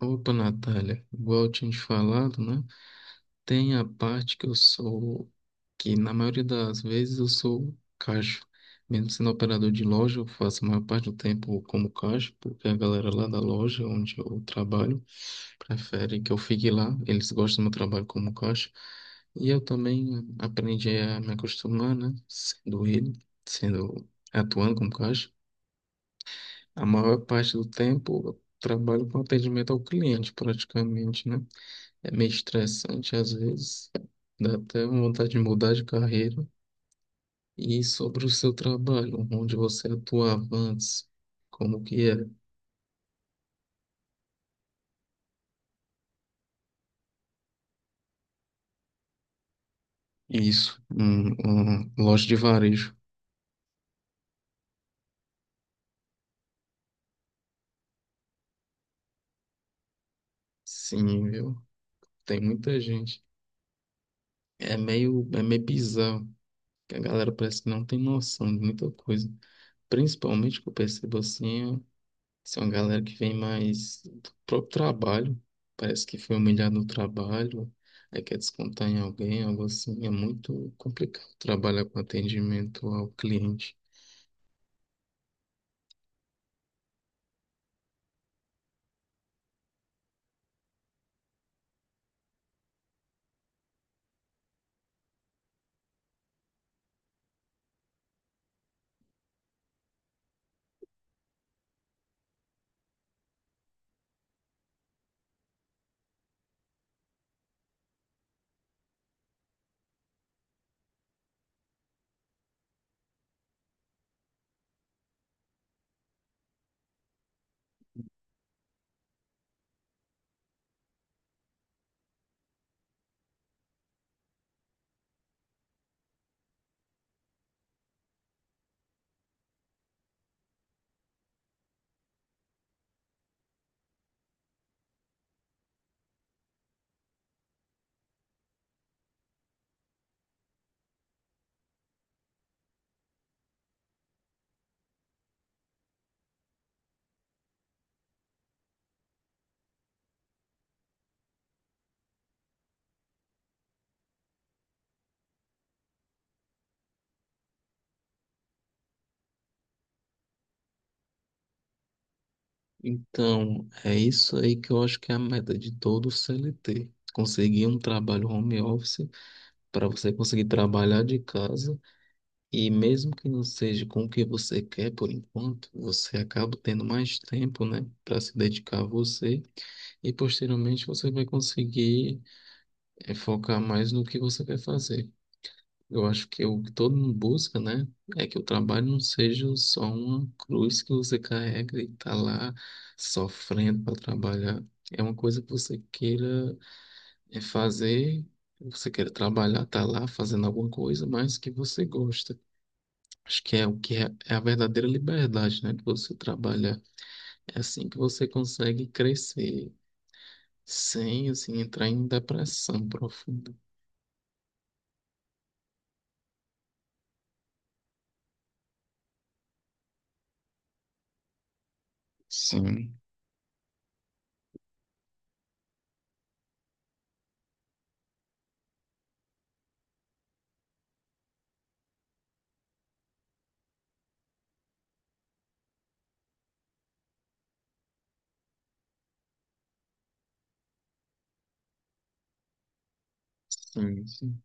Opa, Natália, igual eu tinha te falado, né? Tem a parte que na maioria das vezes eu sou caixa. Mesmo sendo operador de loja, eu faço a maior parte do tempo como caixa, porque a galera lá da loja onde eu trabalho prefere que eu fique lá. Eles gostam do meu trabalho como caixa. E eu também aprendi a me acostumar, né? Sendo ele, sendo atuando como caixa. A maior parte do tempo eu trabalho com atendimento ao cliente, praticamente, né? É meio estressante às vezes, dá até vontade de mudar de carreira. E sobre o seu trabalho, onde você atuava antes, como que era? Isso, loja de varejo. Sim, viu? Tem muita gente. É meio bizarro, que a galera parece que não tem noção de muita coisa. Principalmente que eu percebo assim, são uma galera que vem mais do próprio trabalho. Parece que foi humilhado no trabalho, aí quer descontar em alguém, algo assim. É muito complicado trabalhar com atendimento ao cliente. Então, é isso aí que eu acho que é a meta de todo CLT. Conseguir um trabalho home office para você conseguir trabalhar de casa. E mesmo que não seja com o que você quer por enquanto, você acaba tendo mais tempo, né, para se dedicar a você, e posteriormente você vai conseguir focar mais no que você quer fazer. Eu acho que o que todo mundo busca, né, é que o trabalho não seja só uma cruz que você carrega e tá lá sofrendo para trabalhar. É uma coisa que você queira fazer, você queira trabalhar, tá lá fazendo alguma coisa, mas que você gosta. Acho que é o que é, é a verdadeira liberdade, né? De você trabalhar. É assim que você consegue crescer sem, assim, entrar em depressão profunda. Sim, sim, sim,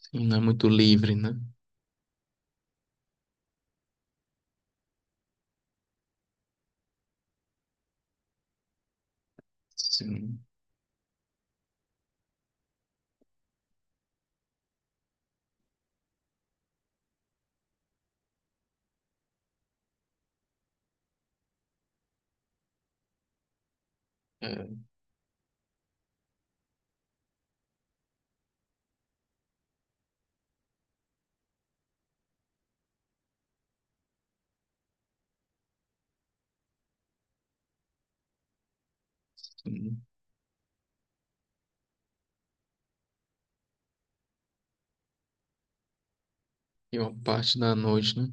sim, não é muito livre, né? Sim. É, sim. E uma parte da noite, né?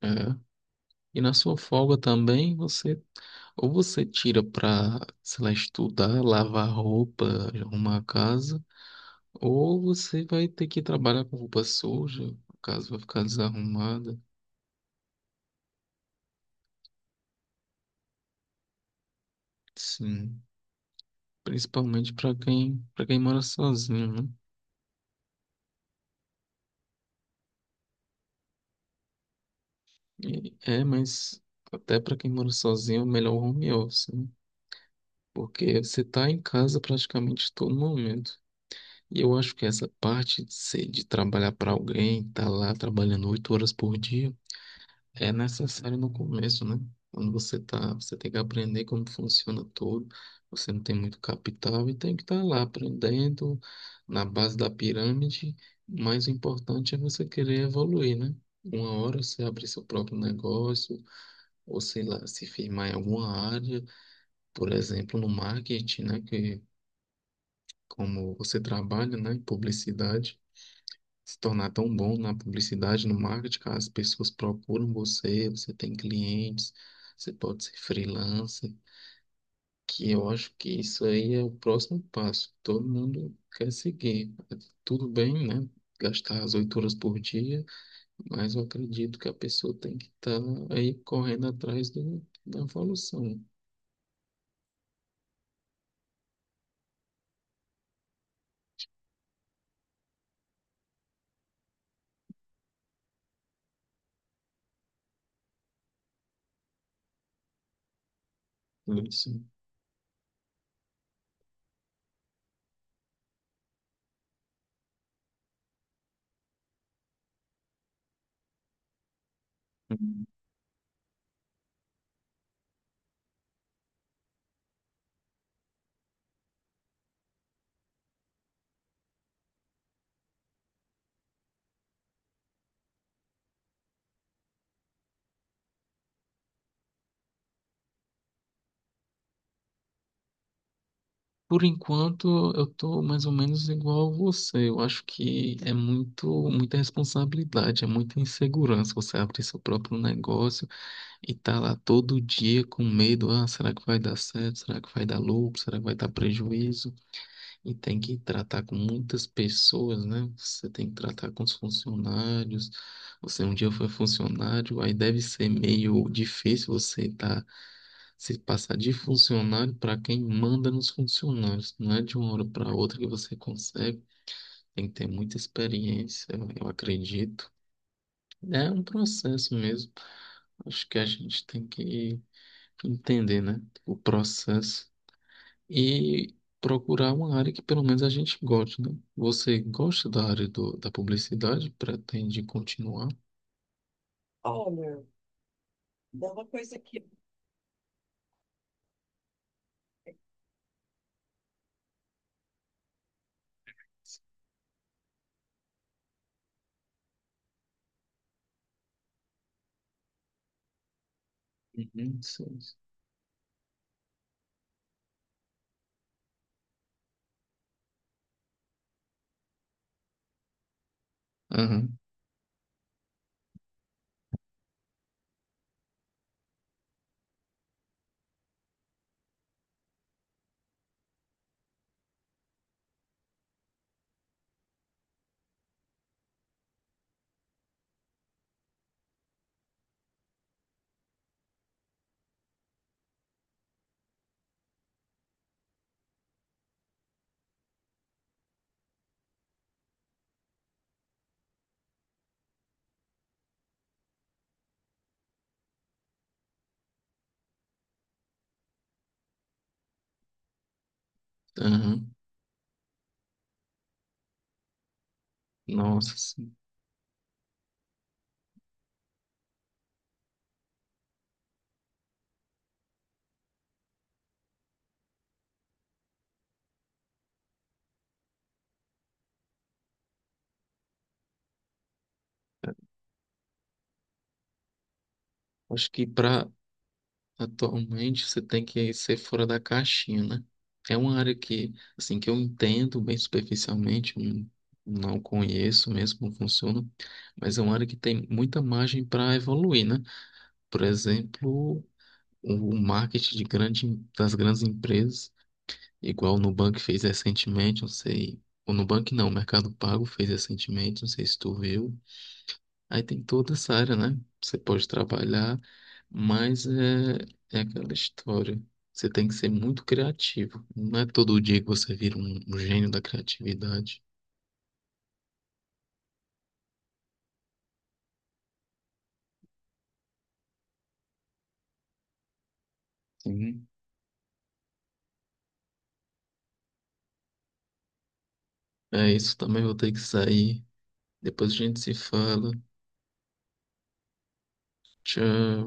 É. E na sua folga também, você ou você tira pra, sei lá, estudar, lavar roupa, arrumar a casa, ou você vai ter que trabalhar com roupa suja, a casa vai ficar desarrumada. Sim, principalmente para quem mora sozinho, né? E- é, mas até para quem mora sozinho, é melhor o home office, né? Porque você tá em casa praticamente todo momento. E eu acho que essa parte de ser, de trabalhar para alguém, tá lá trabalhando 8 horas por dia, é necessário no começo, né? Quando você tá, você tem que aprender como funciona tudo. Você não tem muito capital e tem que estar lá aprendendo na base da pirâmide. Mas o importante é você querer evoluir, né? Uma hora você abrir seu próprio negócio, ou sei lá, se firmar em alguma área, por exemplo, no marketing, né? Que como você trabalha, né? Em publicidade, se tornar tão bom na publicidade, no marketing, cara, as pessoas procuram você, você tem clientes, você pode ser freelancer, que eu acho que isso aí é o próximo passo. Todo mundo quer seguir. Tudo bem, né? Gastar as 8 horas por dia, mas eu acredito que a pessoa tem que estar aí correndo atrás do, da evolução. Isso. Por enquanto, eu tô mais ou menos igual a você. Eu acho que é muito, muita responsabilidade, é muita insegurança você abrir seu próprio negócio e tá lá todo dia com medo, ah, será que vai dar certo? Será que vai dar lucro? Será que vai dar prejuízo? E tem que tratar com muitas pessoas, né? Você tem que tratar com os funcionários. Você um dia foi funcionário, aí deve ser meio difícil você estar se passar de funcionário para quem manda nos funcionários. Não é de uma hora para outra que você consegue. Tem que ter muita experiência, eu acredito. É um processo mesmo. Acho que a gente tem que entender, né? O processo, e procurar uma área que pelo menos a gente goste, né? Você gosta da área do, da publicidade? Pretende continuar? Olha. É uma coisa que Uhum, sim. Aham, aham. Nossa, sim. Acho que para Atualmente você tem que ser fora da caixinha, né? É uma área que, assim, que eu entendo bem superficialmente, não conheço mesmo como funciona, mas é uma área que tem muita margem para evoluir, né? Por exemplo, o marketing das grandes empresas, igual o Nubank fez recentemente, não sei, o Nubank não, o Mercado Pago fez recentemente, não sei se tu viu. Aí tem toda essa área, né? Você pode trabalhar, mas é aquela história. Você tem que ser muito criativo. Não é todo dia que você vira um gênio da criatividade. Sim. É isso também, vou ter que sair. Depois a gente se fala. Tchau.